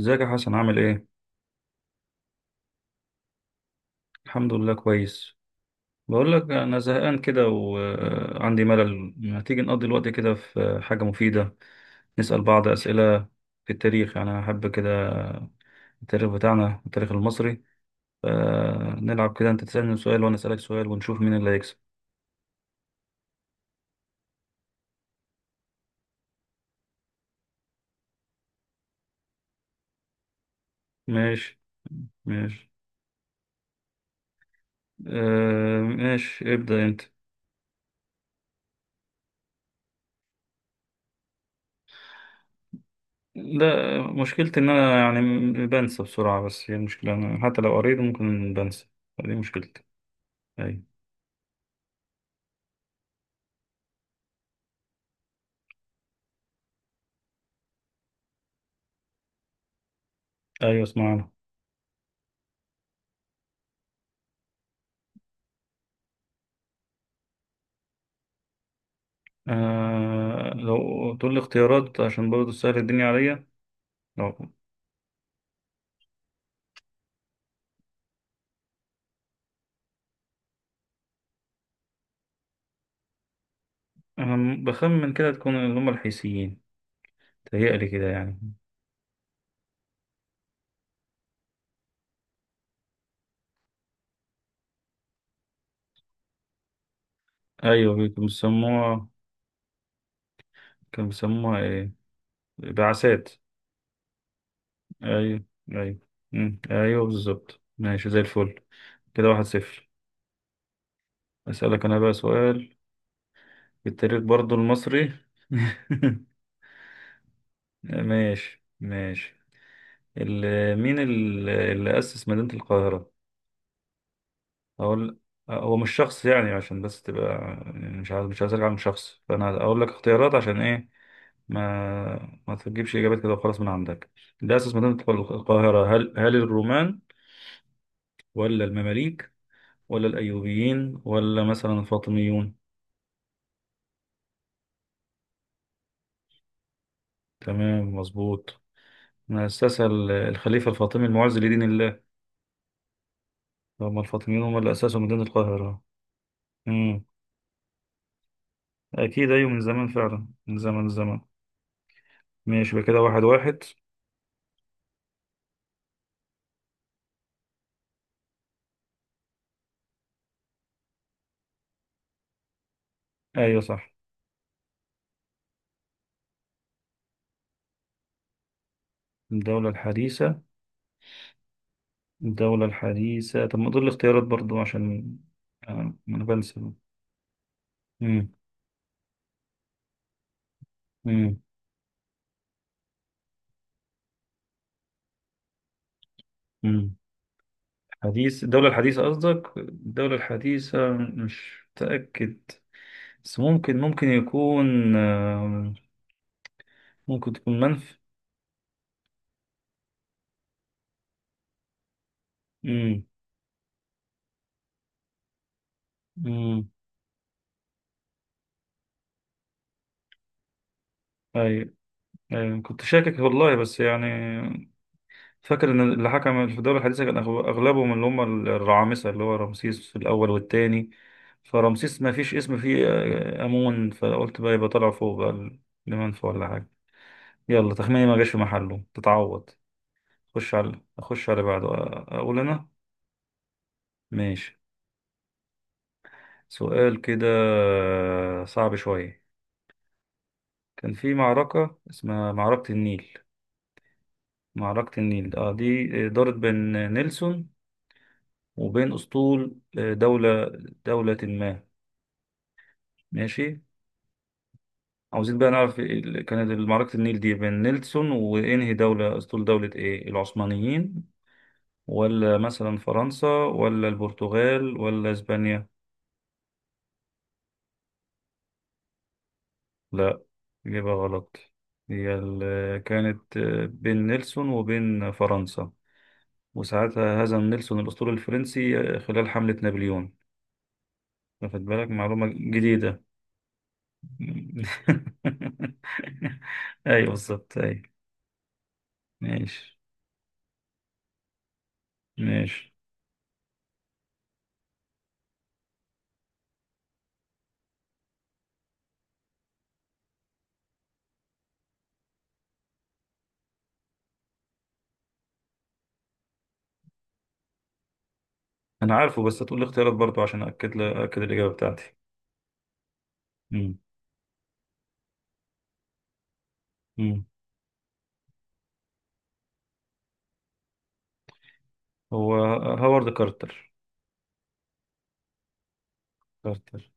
ازيك يا حسن، عامل ايه؟ الحمد لله، كويس. بقول لك، انا زهقان كده وعندي ملل. ما تيجي نقضي الوقت كده في حاجة مفيدة؟ نسأل بعض أسئلة في التاريخ. يعني انا احب كده التاريخ بتاعنا، التاريخ المصري. فنلعب كده، انت تسألني سؤال وانا أسألك سؤال، ونشوف مين اللي هيكسب. ماشي، ماشي. آه، ماشي. ابدأ انت. لا، مشكلتي ان انا يعني بنسى بسرعة. بس هي المشكلة، انا حتى لو قريت ممكن بنسى. دي مشكلتي. أيوة. ايوه، اسمعنا. آه، لو تقول لي اختيارات عشان برضه تسهل الدنيا عليا، لو أنا بخمن كده تكون اللي هم الحيثيين. تهيألي كده يعني. أيوة، كانوا بيسموها إيه؟ بعثات. أيوة. أيوة. مم. أيوة، بالظبط. ماشي، زي الفل. كده 1-0. أسألك أنا بقى سؤال في التاريخ برضه المصري. ماشي، ماشي. مين اللي أسس مدينة القاهرة؟ اقول، هو مش شخص يعني عشان بس تبقى، يعني مش عايز على شخص، فانا اقول لك اختيارات عشان ايه. ما تجيبش اجابات كده وخلاص من عندك. الاساس ما تدخل القاهره. هل الرومان ولا المماليك ولا الايوبيين ولا مثلا الفاطميون؟ تمام، مظبوط. ما اسسها الخليفه الفاطمي المعز لدين الله. هم الفاطميون هم اللي اسسوا مدينه القاهره. امم، اكيد. ايوه، من زمان فعلا، من زمن زمن. ماشي، يبقى كده 1-1. ايوه صح. الدولة الحديثة، الدولة الحديثة، طب ما دول الاختيارات برضو عشان ما أنا بنسى. مم. مم. مم. حديث الدولة الحديثة قصدك، الدولة الحديثة؟ مش متأكد بس ممكن يكون، ممكن تكون منف. مم. مم. أيوة. أيوة، كنت شاكك والله بس يعني فاكر ان اللي حكم في الدولة الحديثة كان اغلبهم اللي هم الرعامسة، اللي هو رمسيس الاول والتاني. فرمسيس ما فيش اسم فيه امون، فقلت بقى يبقى طلع فوق بقى المنفى ولا حاجة. يلا، تخميني ما جاش في محله، تتعوض. خش على، اخش على بعده. اقول انا. ماشي. سؤال كده صعب شوية. كان في معركة اسمها معركة النيل. معركة النيل اه دي دارت بين نيلسون، وبين اسطول دولة، دولة ما. ماشي. عاوزين بقى نعرف إيه كانت معركة النيل دي بين نيلسون وإنهي دولة، أسطول دولة إيه؟ العثمانيين، ولا مثلا فرنسا، ولا البرتغال، ولا إسبانيا؟ لا، إجابة غلط. هي كانت بين نيلسون وبين فرنسا. وساعتها هزم نيلسون الأسطول الفرنسي خلال حملة نابليون. واخد بالك، معلومة جديدة. أيوة، بالظبط، أيوة. ماشي، ماشي. انا عارفه بس هتقول لي اختيارات برضه عشان اكد اكد الاجابه بتاعتي. امم امم هو هوارد كارتر. كارتر.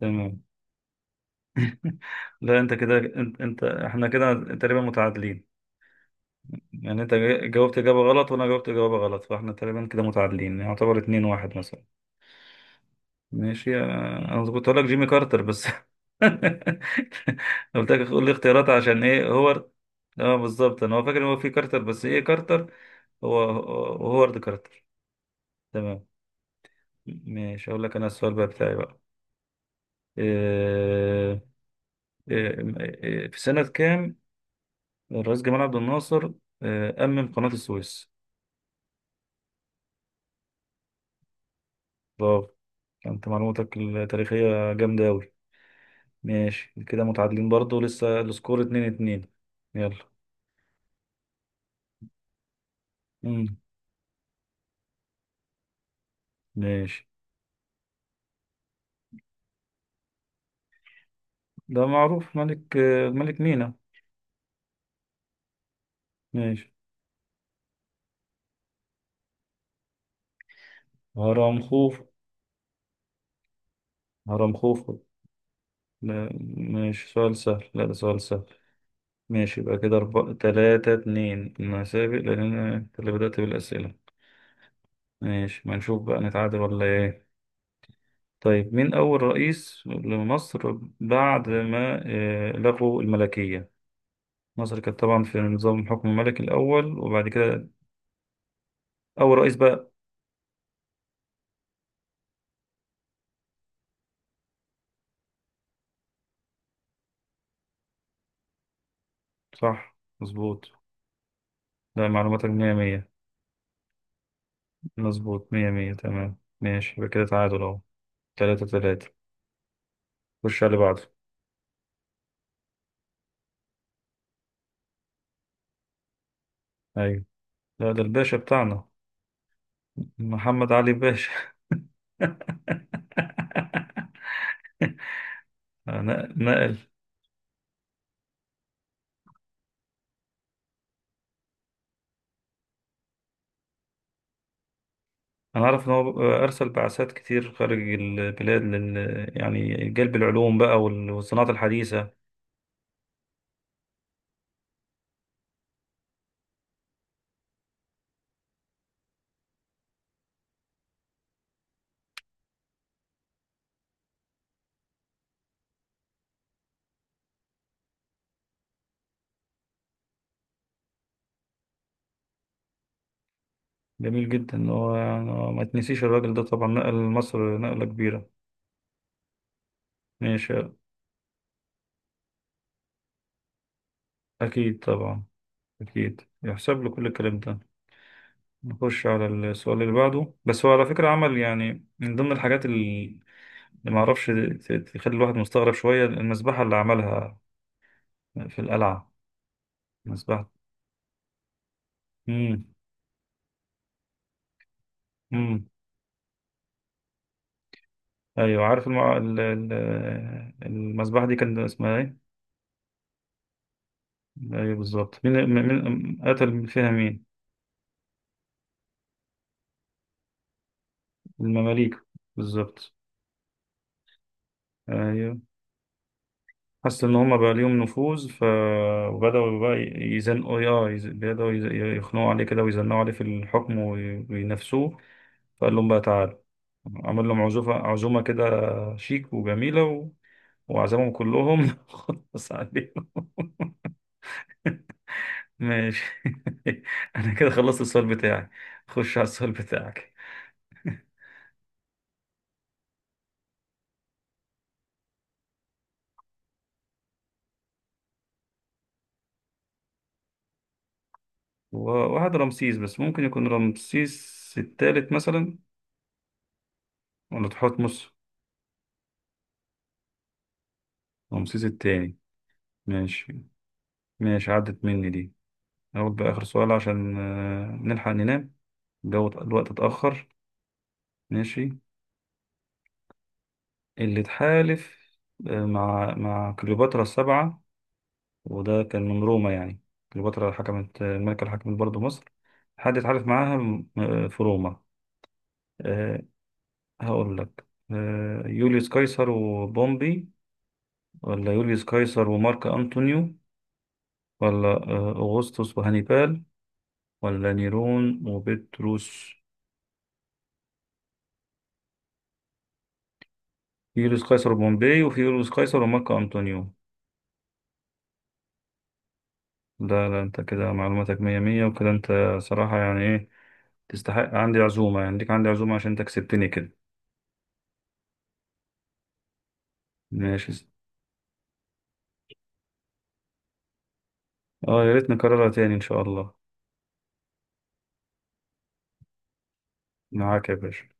تمام. لا، انت كده انت، احنا كده تقريبا متعادلين. يعني انت جاوبت اجابه غلط، وانا جاوبت اجابه غلط، فاحنا تقريبا كده متعادلين، يعتبر 2-1 مثلا. ماشي، انا كنت هقول لك جيمي كارتر بس. قلت لك قول لي اختيارات عشان ايه هو. اه، بالظبط. انا هو فاكر ان هو في كارتر، بس ايه كارتر؟ هو هوارد كارتر. تمام. ماشي، اقول لك انا السؤال بقى بتاعي بقى. إيه إيه إيه في سنة كام الرئيس جمال عبد الناصر إيه أمم قناة السويس؟ برافو. انت معلوماتك التاريخية جامدة أوي. ماشي، كده متعادلين برضه لسه، السكور 2-2. يلا. مم. ماشي. ده معروف، ملك ملك مينا. ماشي، هرمخوف. هرمخوف. لا، ماشي سؤال سهل. لا، ده سؤال سهل. ماشي، يبقى كده أربعة تلاتة اتنين. أنا سابق لأن أنا، أنت اللي بدأت بالأسئلة. ماشي، ما نشوف بقى نتعادل ولا ايه. طيب، مين أول رئيس لمصر بعد ما لغوا الملكية؟ مصر كانت طبعا في نظام الحكم الملكي الأول، وبعد كده أول رئيس بقى. صح، مظبوط. لا، معلوماتك مية مية. مظبوط، مية مية. تمام، ماشي، يبقى كده تعادل أهو، 3-3. خش على اللي بعده. أيوة، لا ده الباشا بتاعنا، محمد علي باشا. نقل. أنا عارف إن هو أرسل بعثات كتير خارج البلاد لل، يعني جلب العلوم بقى والصناعات الحديثة. جميل جدا إن هو يعني ما تنسيش الراجل ده طبعا نقل مصر نقلة كبيرة. ماشي. أكيد طبعا، أكيد يحسب له كل الكلام ده. نخش على السؤال اللي بعده، بس هو على فكرة عمل يعني من ضمن الحاجات اللي ما أعرفش، تخلي الواحد مستغرب شوية، المذبحة اللي عملها في القلعة. مذبحة. امم. ايوه، عارف المذبحة دي كان اسمها ايه؟ ايوه، بالظبط. قتل فيها مين؟ المماليك، بالظبط. ايوه، حس ان هم بقى ليهم نفوذ، فبدأوا بقى يزنقوا، اه، يخنقوا عليه كده ويزنقوا عليه في الحكم وينافسوه. فقال لهم بقى تعالوا، عمل لهم عزومة كده شيك وجميلة وعزمهم كلهم. خلص عليهم. ماشي. انا كده خلصت السؤال بتاعي. خش على السؤال بتاعك. وواحد رمسيس، بس ممكن يكون رمسيس التالت مثلا، ولا تحتمس. رمسيس التاني. ماشي، ماشي، عدت مني دي. اقول بقى اخر سؤال عشان نلحق ننام. الجو، الوقت اتأخر. ماشي. اللي اتحالف مع كليوباترا السبعة، وده كان من روما يعني. كليوباترا حكمت، الملكة اللي حكمت برضه مصر، حد اتحالف معاها في روما؟ آه، هقول لك، يوليوس قيصر وبومبي، ولا يوليوس قيصر ومارك أنطونيو، ولا أغسطس وهانيبال، ولا نيرون وبطرس؟ في يوليوس قيصر وبومبي، وفي يوليوس قيصر ومارك أنطونيو. لا، لا، انت كده معلوماتك مية مية، وكده انت صراحة يعني ايه، تستحق عندي عزومة، يعني ليك عندي عزومة عشان انت كسبتني كده. ماشي. اه، يا ريت نكررها تاني ان شاء الله. معاك يا باشا.